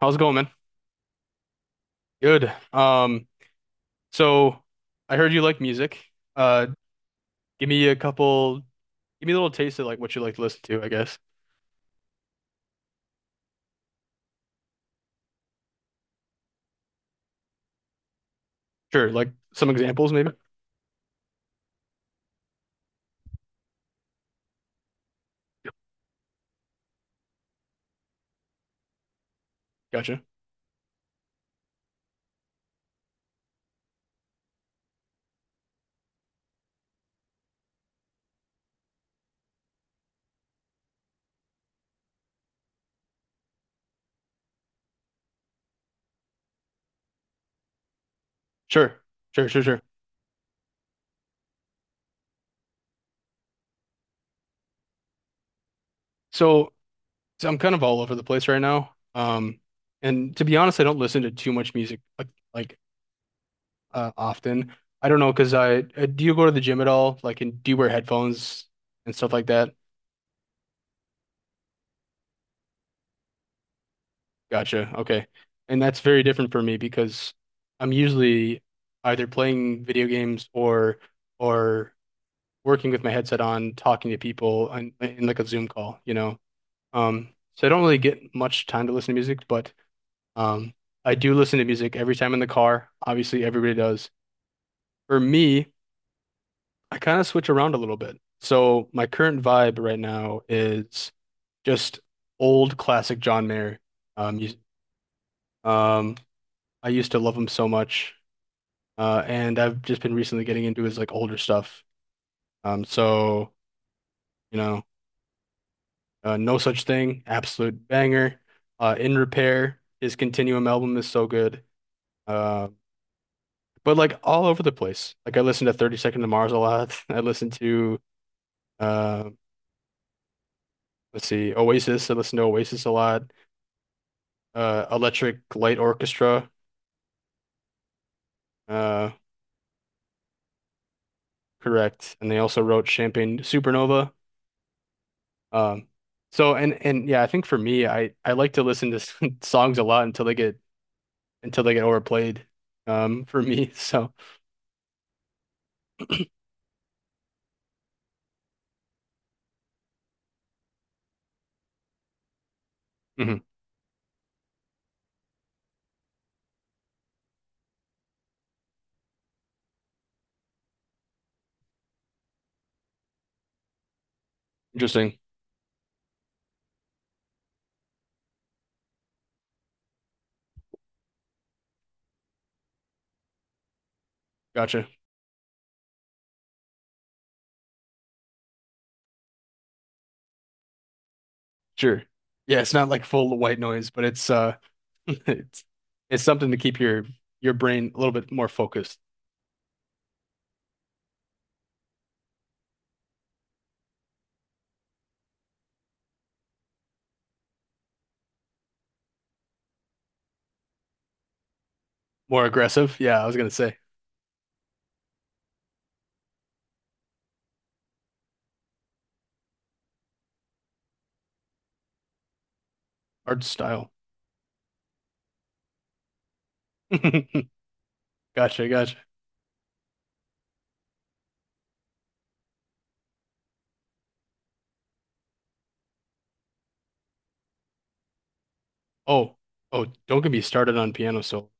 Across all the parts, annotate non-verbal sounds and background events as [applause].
How's it going, man? Good. So I heard you like music. Uh, give me a couple, give me a little taste of like what you like to listen to, I guess. Sure, like some examples maybe. Gotcha. Sure. Sure, sure, sure. So, so, I'm kind of all over the place right now. And to be honest, I don't listen to too much music like often. I don't know, 'cause I, do you go to the gym at all? Like, and do you wear headphones and stuff like that? Gotcha. Okay. And that's very different for me because I'm usually either playing video games or working with my headset on, talking to people on, in like a Zoom call, you know. Um, so I don't really get much time to listen to music, but um, I do listen to music every time in the car. Obviously, everybody does. For me, I kind of switch around a little bit. So my current vibe right now is just old classic John Mayer music. Um, I used to love him so much. And I've just been recently getting into his like older stuff. So you know, No Such Thing, absolute banger. In Repair, his Continuum album is so good. Uh, but like all over the place. Like I listen to 30 Seconds to Mars a lot. [laughs] I listen to uh, let's see, Oasis. I listen to Oasis a lot. Electric Light Orchestra. Uh, correct. And they also wrote Champagne Supernova. Um, so and yeah, I think for me, I like to listen to [laughs] songs a lot until they get overplayed, [laughs] for me. So mhm. Interesting. Gotcha. Sure. Yeah, it's not like full white noise, but it's [laughs] it's it's something to keep your brain a little bit more focused, more aggressive. Yeah, I was gonna say art style. [laughs] Gotcha, gotcha. Oh, oh, don't get me started on piano solo.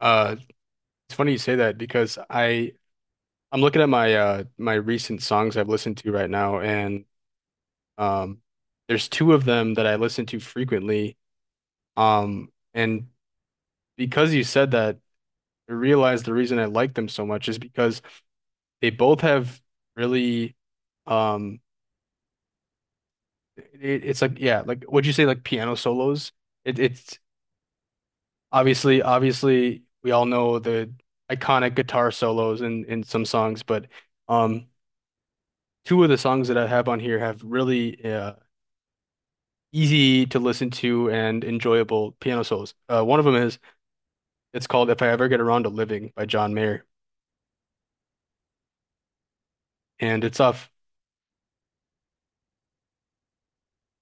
Uh, it's funny you say that because I'm looking at my my recent songs I've listened to right now, and um, there's two of them that I listen to frequently. And because you said that, I realized the reason I like them so much is because they both have really, um, it's like yeah, like would you say like piano solos? It's obviously we all know the iconic guitar solos in some songs, but um, two of the songs that I have on here have really easy to listen to and enjoyable piano solos. One of them is it's called "If I Ever Get Around to Living" by John Mayer, and it's off.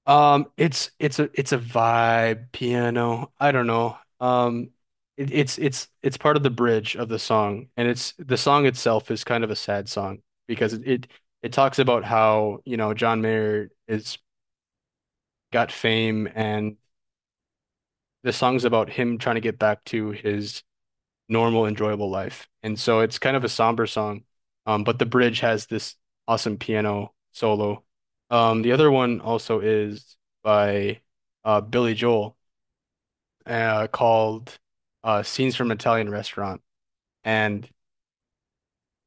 It's it's a vibe piano. I don't know. It, it's part of the bridge of the song, and it's the song itself is kind of a sad song because it talks about how, you know, John Mayer is got fame, and the song's about him trying to get back to his normal, enjoyable life, and so it's kind of a somber song. But the bridge has this awesome piano solo. The other one also is by Billy Joel called "Scenes from Italian Restaurant," and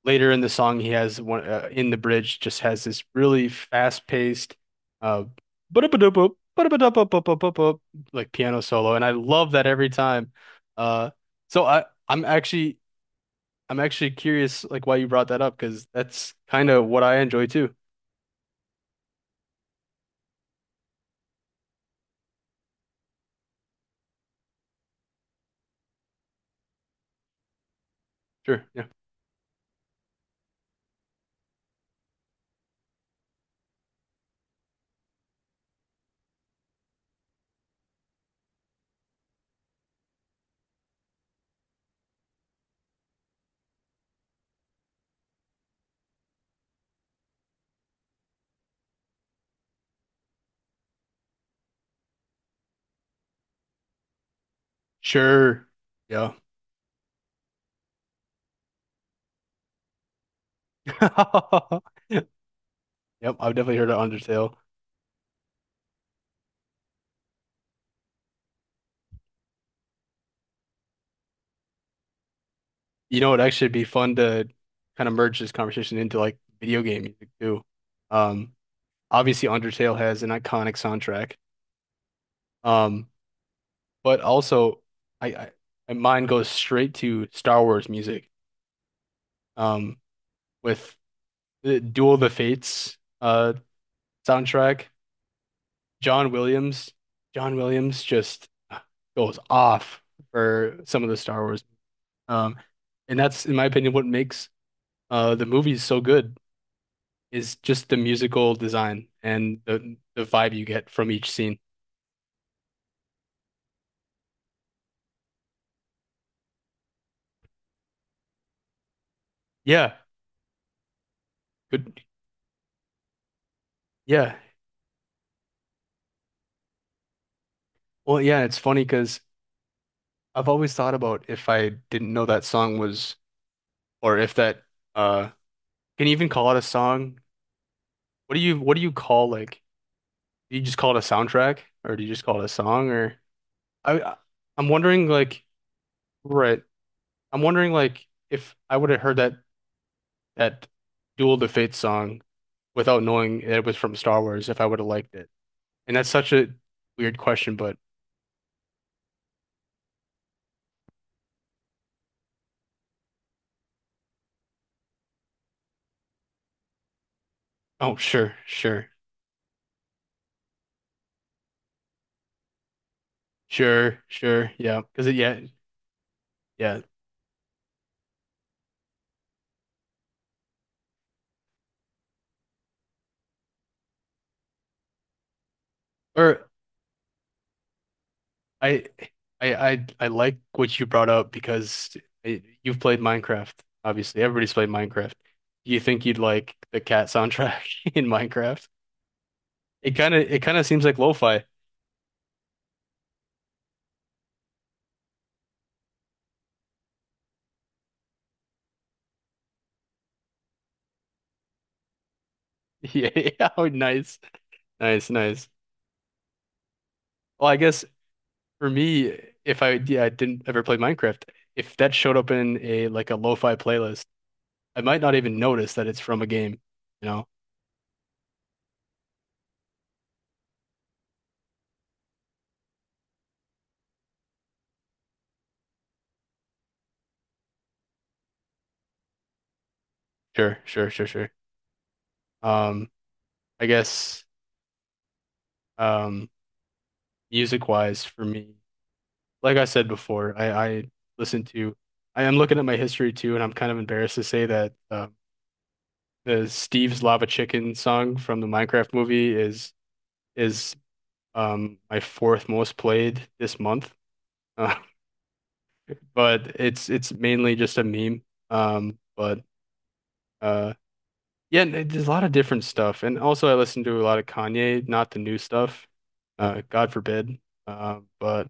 later in the song, he has one in the bridge just has this really fast-paced, uh, ba-da-ba-da-ba, ba da ba ba ba ba like piano solo, and I love that every time. Uh, so I'm actually curious like why you brought that up because that's kind of what I enjoy too. Sure, yeah, sure, yeah. [laughs] Yep, I've definitely heard of Undertale. You know, it'd actually be fun to kind of merge this conversation into like video game music too. Um, obviously Undertale has an iconic soundtrack. Um, but also I, my mind goes straight to Star Wars music. Um, with the Duel of the Fates soundtrack, John Williams, John Williams just goes off for some of the Star Wars. Um, and that's in my opinion what makes the movies so good, is just the musical design and the vibe you get from each scene. Yeah, good. Yeah. Well, yeah, it's funny because I've always thought about if I didn't know that song was, or if that uh, can you even call it a song? What do you call like? Do you just call it a soundtrack, or do you just call it a song? Or I I- I'm wondering like right. I'm wondering like if I would have heard that Duel to Fate song without knowing it was from Star Wars, if I would have liked it. And that's such a weird question, but oh, sure, sure, sure, sure, yeah, because it, yeah, yeah. Or I, I, I like what you brought up because you've played Minecraft. Obviously, everybody's played Minecraft. Do you think you'd like the cat soundtrack [laughs] in Minecraft? It kind of seems like lo-fi. [laughs] Yeah, oh, nice, nice, nice. Well, I guess for me, if I, yeah, I didn't ever play Minecraft. If that showed up in a like a lo-fi playlist, I might not even notice that it's from a game, you know? Sure, sure, sure, sure. Um, I guess um music wise for me, like I said before, I listen to. I am looking at my history too, and I'm kind of embarrassed to say that the Steve's Lava Chicken song from the Minecraft movie is my fourth most played this month. Uh, [laughs] but it's mainly just a meme. But uh yeah, and it- there's a lot of different stuff. And also I listen to a lot of Kanye, not the new stuff. God forbid. But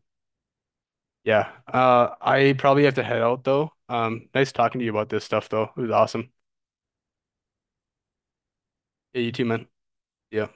yeah. I probably have to head out though. Nice talking to you about this stuff though. It was awesome. Yeah, you too, man. Yeah.